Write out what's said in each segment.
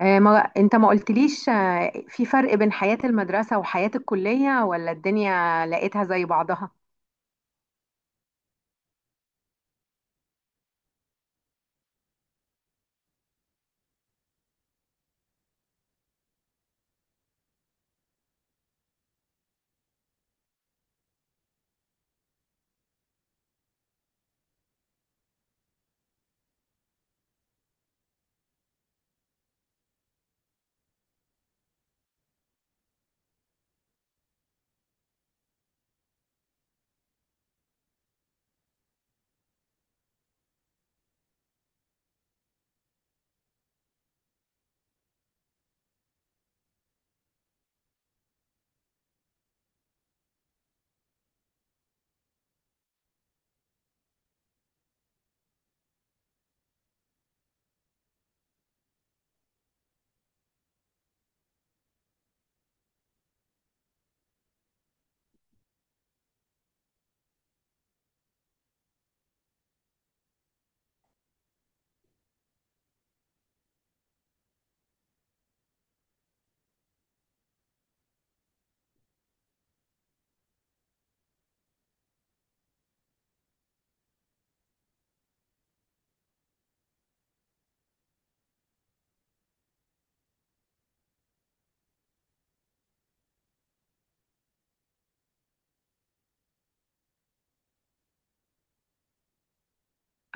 ما انت ما قلتليش في فرق بين حياة المدرسة وحياة الكلية، ولا الدنيا لقيتها زي بعضها؟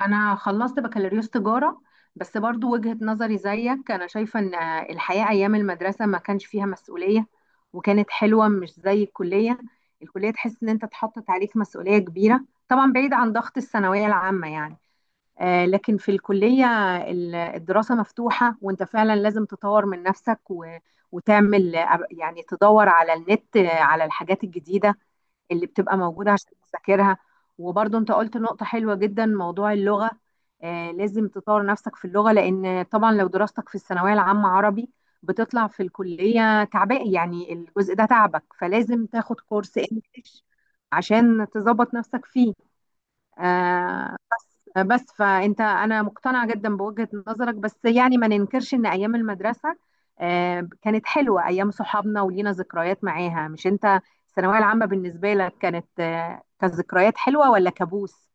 انا خلصت بكالوريوس تجارة. بس برضو وجهة نظري زيك، انا شايفة ان الحياة ايام المدرسة ما كانش فيها مسؤولية وكانت حلوة، مش زي الكلية. الكلية تحس ان انت اتحطت عليك مسؤولية كبيرة، طبعا بعيد عن ضغط الثانوية العامة يعني. لكن في الكلية الدراسة مفتوحة، وانت فعلا لازم تطور من نفسك وتعمل يعني تدور على النت، على الحاجات الجديدة اللي بتبقى موجودة عشان تذاكرها. وبرضه انت قلت نقطة حلوة جدا، موضوع اللغة. لازم تطور نفسك في اللغة، لأن طبعا لو دراستك في الثانوية العامة عربي بتطلع في الكلية تعبان، يعني الجزء ده تعبك، فلازم تاخد كورس انجليش عشان تظبط نفسك فيه. آه، بس فانت انا مقتنعه جدا بوجهه نظرك. بس يعني ما ننكرش ان ايام المدرسه كانت حلوه، ايام صحابنا ولينا ذكريات معاها. مش انت الثانويه العامه بالنسبه لك كانت كذكريات حلوه ولا كابوس؟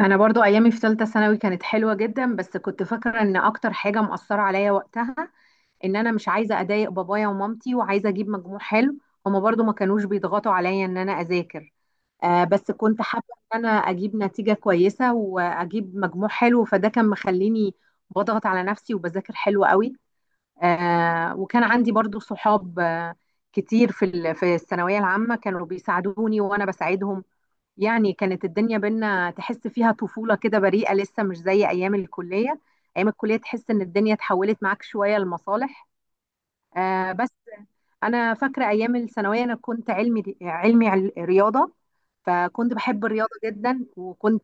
انا برضو ايامي في ثالثه ثانوي كانت حلوه جدا، بس كنت فاكره ان اكتر حاجه مؤثره عليا وقتها ان انا مش عايزه اضايق بابايا ومامتي، وعايزه اجيب مجموع حلو. هما برضو ما كانوش بيضغطوا عليا ان انا اذاكر، بس كنت حابة ان انا اجيب نتيجة كويسة واجيب مجموع حلو، فده كان مخليني بضغط على نفسي وبذاكر حلو قوي. وكان عندي برضو صحاب كتير في في الثانوية العامة، كانوا بيساعدوني وانا بساعدهم. يعني كانت الدنيا بينا تحس فيها طفولة كده بريئة لسه، مش زي ايام الكلية. ايام الكلية تحس ان الدنيا اتحولت معاك شوية لمصالح. بس انا فاكره ايام الثانويه، انا كنت علمي رياضه. فكنت بحب الرياضه جدا، وكنت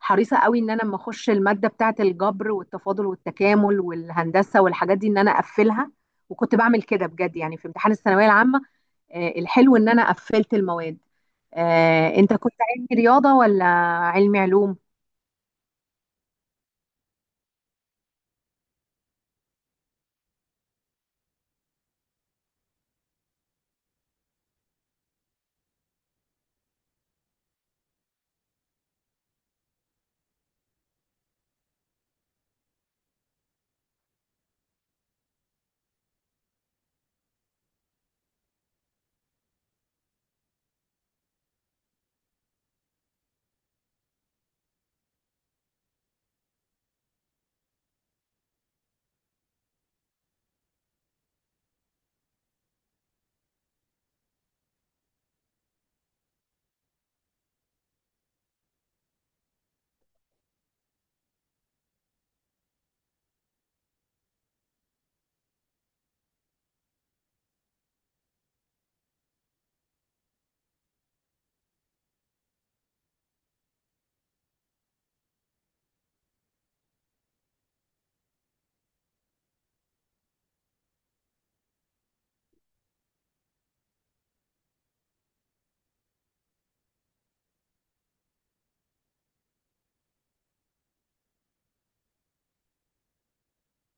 حريصه قوي ان انا لما اخش الماده بتاعه الجبر والتفاضل والتكامل والهندسه والحاجات دي ان انا اقفلها. وكنت بعمل كده بجد يعني في امتحان الثانويه العامه. الحلو ان انا قفلت المواد. انت كنت علمي رياضه ولا علمي علوم؟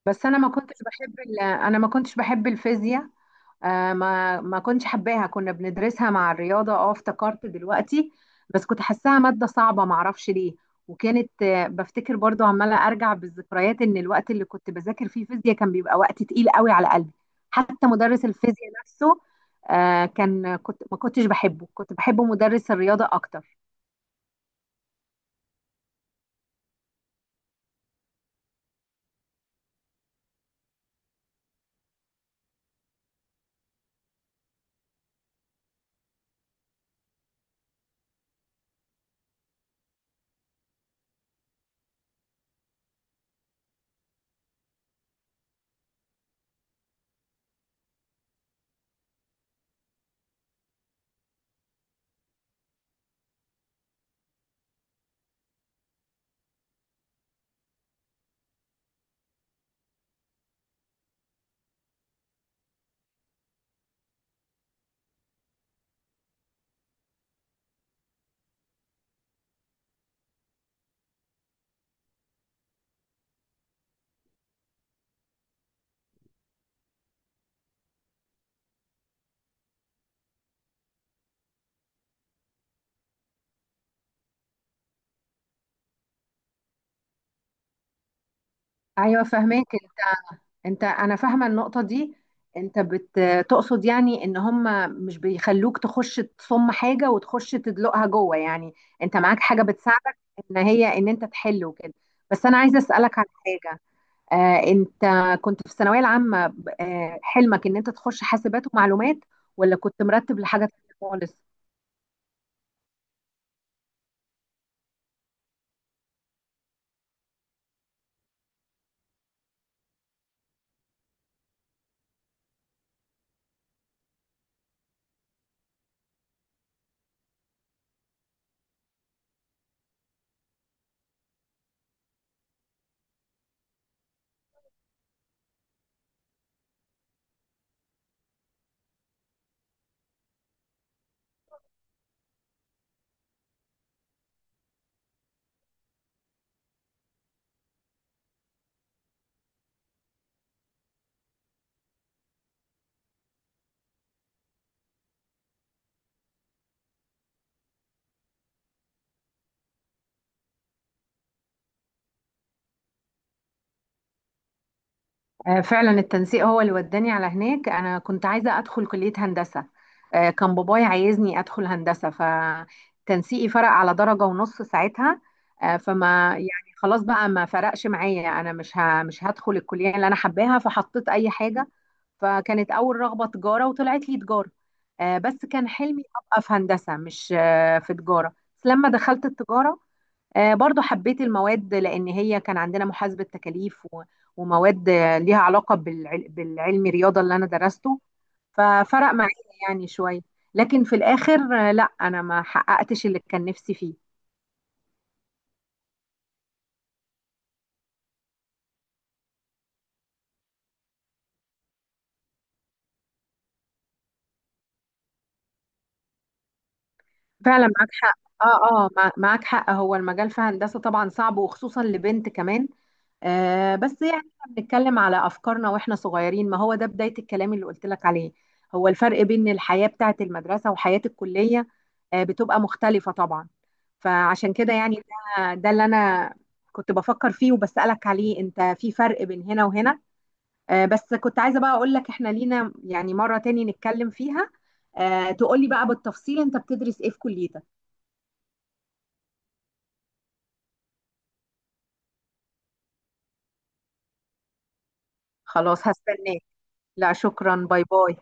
بس انا ما كنتش بحب الفيزياء. ما كنتش حباها، كنا بندرسها مع الرياضة. اه، افتكرت دلوقتي. بس كنت حاساها مادة صعبة، معرفش ليه. وكانت بفتكر برضو عمالة ارجع بالذكريات ان الوقت اللي كنت بذاكر فيه فيزياء كان بيبقى وقت تقيل قوي على قلبي. حتى مدرس الفيزياء نفسه كنت ما كنتش بحبه، كنت بحب مدرس الرياضة اكتر. ايوه، فهماك انت. انا فاهمه النقطه دي. انت بتقصد يعني ان هم مش بيخلوك تخش تصم حاجه وتخش تدلقها جوه، يعني انت معاك حاجه بتساعدك، ان هي ان انت تحل وكده. بس انا عايزه اسالك عن حاجه. انت كنت في الثانويه العامه، حلمك ان انت تخش حاسبات ومعلومات، ولا كنت مرتب لحاجه تانية خالص؟ فعلا التنسيق هو اللي وداني على هناك. انا كنت عايزه ادخل كليه هندسه. كان باباي عايزني ادخل هندسه، فتنسيقي فرق على درجه ونص ساعتها. فما يعني خلاص بقى، ما فرقش معايا، انا مش هدخل الكليه اللي انا حباها، فحطيت اي حاجه. فكانت اول رغبه تجاره، وطلعت لي تجاره. بس كان حلمي ابقى في هندسه، مش في تجاره. بس لما دخلت التجاره برضو حبيت المواد، لأن هي كان عندنا محاسبة تكاليف ومواد ليها علاقة بالعلم الرياضة اللي أنا درسته، ففرق معايا يعني شوية. لكن في الآخر لا، أنا ما حققتش اللي كان نفسي فيه. فعلا معاك حق. اه، اه، معاك حق. هو المجال في هندسة طبعا صعب، وخصوصا لبنت كمان. بس يعني احنا بنتكلم على افكارنا واحنا صغيرين، ما هو ده بداية الكلام اللي قلت لك عليه. هو الفرق بين الحياة بتاعة المدرسة وحياة الكلية بتبقى مختلفة طبعا. فعشان كده يعني، ده اللي انا كنت بفكر فيه وبسألك عليه، انت في فرق بين هنا وهنا. بس كنت عايزة بقى اقول لك احنا لينا يعني مرة تاني نتكلم فيها، تقولي بقى بالتفصيل انت بتدرس ايه في كليتك. خلاص، هستناك. لا، شكرا. باي باي.